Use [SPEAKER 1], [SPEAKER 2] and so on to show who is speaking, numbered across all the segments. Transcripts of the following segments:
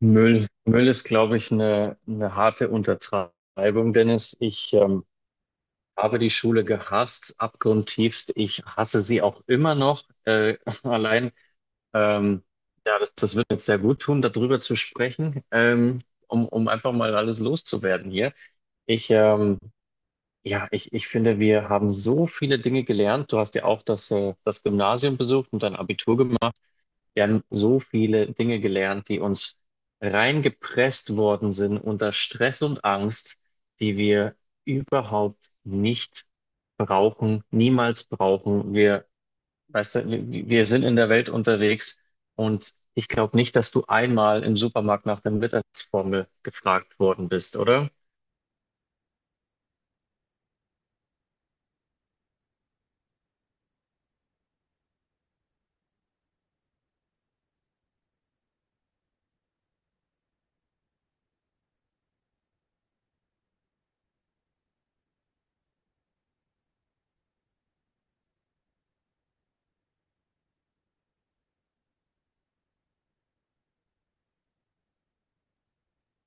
[SPEAKER 1] Müll, Müll ist, glaube ich, eine harte Untertreibung, Dennis. Ich habe die Schule gehasst, abgrundtiefst. Ich hasse sie auch immer noch. Allein, ähm, ja, das wird jetzt sehr gut tun, darüber zu sprechen, um einfach mal alles loszuwerden hier. Ich, ähm, ja, ich finde, wir haben so viele Dinge gelernt. Du hast ja auch das Gymnasium besucht und dein Abitur gemacht. Wir haben so viele Dinge gelernt, die uns reingepresst worden sind unter Stress und Angst, die wir überhaupt nicht brauchen, niemals brauchen. Wir, weißt du, wir sind in der Welt unterwegs und ich glaube nicht, dass du einmal im Supermarkt nach der Mittagsformel gefragt worden bist, oder?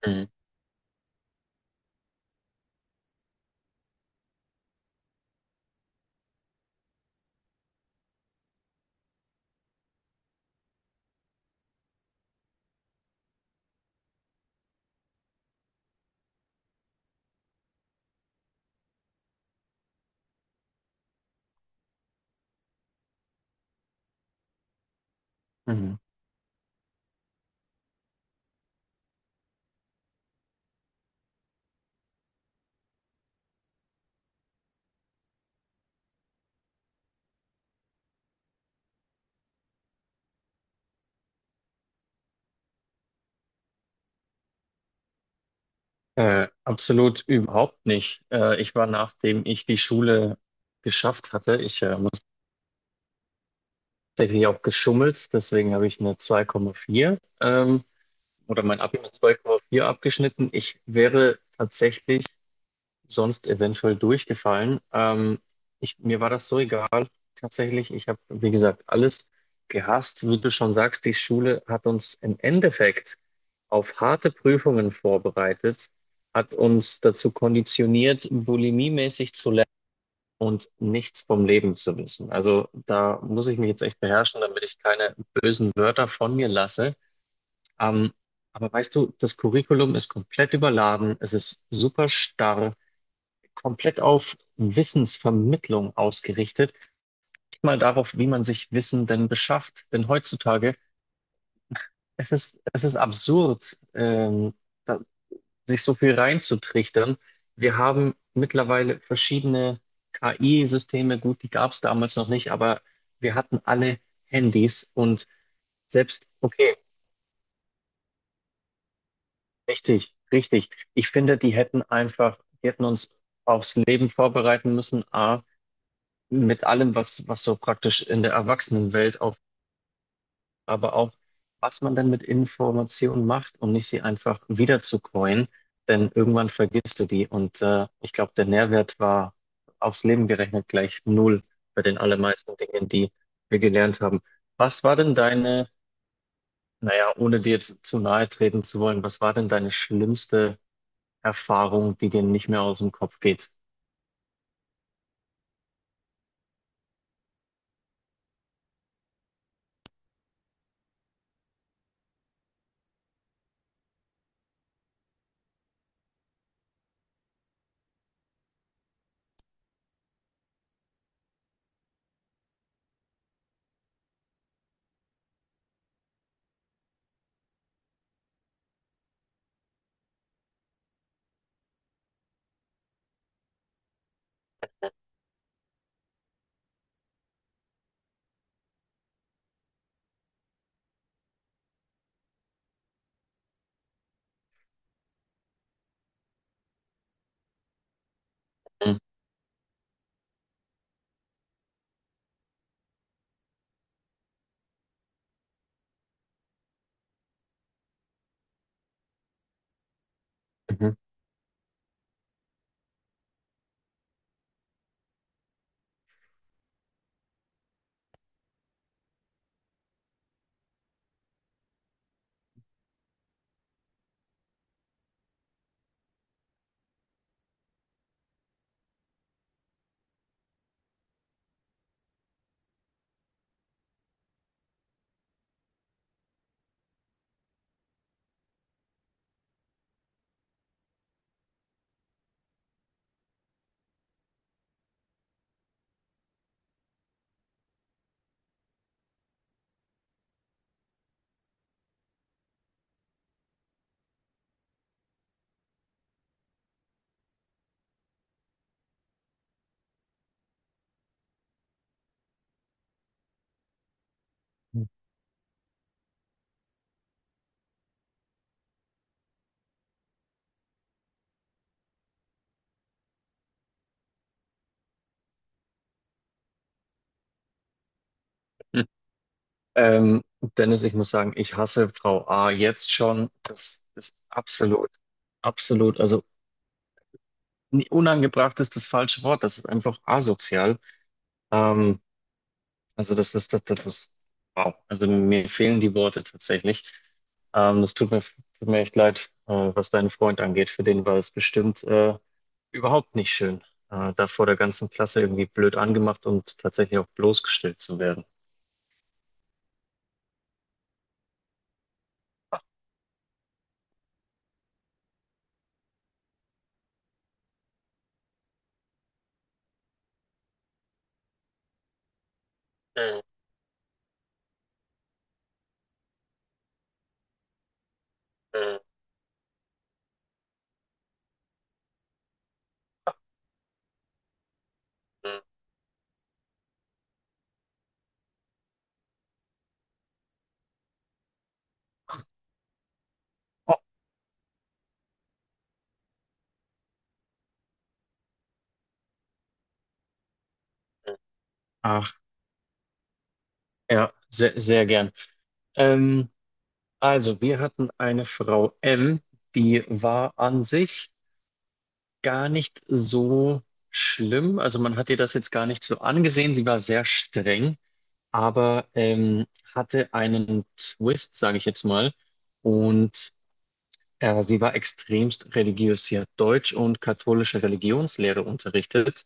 [SPEAKER 1] Mhm. Mhm. Absolut überhaupt nicht. Ich war, nachdem ich die Schule geschafft hatte, ich muss tatsächlich auch geschummelt, deswegen habe ich eine 2,4 oder mein Abi mit 2,4 abgeschnitten. Ich wäre tatsächlich sonst eventuell durchgefallen. Ich, mir war das so egal, tatsächlich. Ich habe, wie gesagt, alles gehasst. Wie du schon sagst, die Schule hat uns im Endeffekt auf harte Prüfungen vorbereitet, hat uns dazu konditioniert, bulimiemäßig zu und nichts vom Leben zu wissen. Also da muss ich mich jetzt echt beherrschen, damit ich keine bösen Wörter von mir lasse. Ähm, aber weißt du, das Curriculum ist komplett überladen, es ist super starr, komplett auf Wissensvermittlung ausgerichtet. Nicht mal darauf, wie man sich Wissen denn beschafft. Denn heutzutage, es ist absurd, da, sich so viel reinzutrichtern. Wir haben mittlerweile verschiedene KI-Systeme, gut, die gab es damals noch nicht, aber wir hatten alle Handys und selbst, okay, richtig, richtig. Ich finde, die hätten uns aufs Leben vorbereiten müssen, A, mit allem, was, was so praktisch in der Erwachsenenwelt auf aber auch, was man dann mit Informationen macht, um nicht sie einfach wieder zu coin, denn irgendwann vergisst du die und ich glaube, der Nährwert war aufs Leben gerechnet gleich null bei den allermeisten Dingen, die wir gelernt haben. Was war denn deine, naja, ohne dir jetzt zu nahe treten zu wollen, was war denn deine schlimmste Erfahrung, die dir nicht mehr aus dem Kopf geht? Mhm. Mhm. Mhm. Ähm, Dennis, ich muss sagen, ich hasse Frau A jetzt schon. Das ist absolut, absolut. Also nee, unangebracht ist das falsche Wort. Das ist einfach asozial. Ähm, also das ist wow. Also mir fehlen die Worte tatsächlich. Das tut mir echt leid, was deinen Freund angeht. Für den war es bestimmt überhaupt nicht schön, da vor der ganzen Klasse irgendwie blöd angemacht und tatsächlich auch bloßgestellt zu werden. Mhm, mhm, mhm, mhm. Ach, ja, sehr, sehr gern. Ähm, also, wir hatten eine Frau M, die war an sich gar nicht so schlimm. Also man hat ihr das jetzt gar nicht so angesehen. Sie war sehr streng, aber hatte einen Twist, sage ich jetzt mal. Und sie war extremst religiös. Sie hat Deutsch und katholische Religionslehre unterrichtet.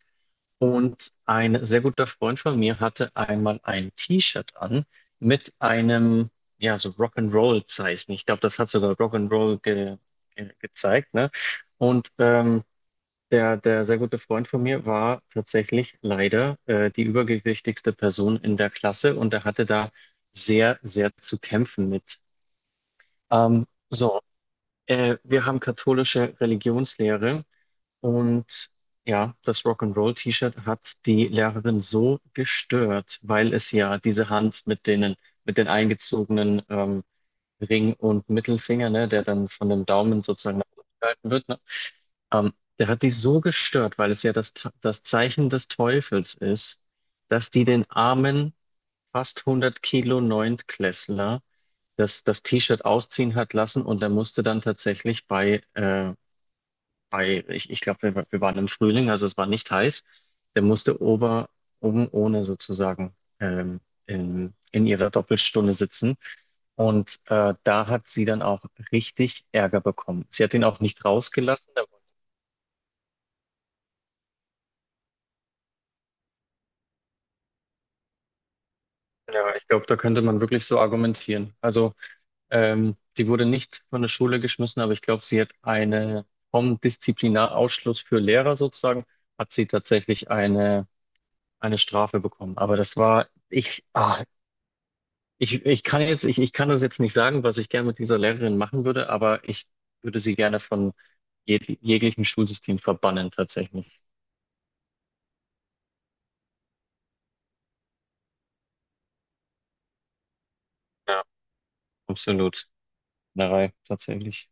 [SPEAKER 1] Und ein sehr guter Freund von mir hatte einmal ein T-Shirt an mit einem, ja, so Rock'n'Roll-Zeichen. Ich glaube, das hat sogar Rock'n'Roll ge ge gezeigt, ne? Und der sehr gute Freund von mir war tatsächlich leider die übergewichtigste Person in der Klasse und er hatte da sehr, sehr zu kämpfen mit. Ähm, so, wir haben katholische Religionslehre und ja, das Rock'n'Roll-T-Shirt hat die Lehrerin so gestört, weil es ja diese Hand mit denen, mit den eingezogenen Ring und Mittelfinger, ne, der dann von dem Daumen sozusagen nach unten gehalten wird, ne, ähm, der hat die so gestört, weil es ja das Zeichen des Teufels ist, dass die den armen, fast 100 Kilo Neuntklässler das T-Shirt ausziehen hat lassen und er musste dann tatsächlich bei ich glaube, wir waren im Frühling, also es war nicht heiß. Der musste ober, oben ohne sozusagen in ihrer Doppelstunde sitzen. Und da hat sie dann auch richtig Ärger bekommen. Sie hat ihn auch nicht rausgelassen. Da, ja, ich glaube, da könnte man wirklich so argumentieren. Also, die wurde nicht von der Schule geschmissen, aber ich glaube, sie hat eine vom Disziplinarausschluss für Lehrer sozusagen, hat sie tatsächlich eine Strafe bekommen. Aber das war, ich, ich kann jetzt, ich kann das jetzt nicht sagen, was ich gerne mit dieser Lehrerin machen würde, aber ich würde sie gerne von jeglichem Schulsystem verbannen, tatsächlich. Ja, absolut. Narei, tatsächlich.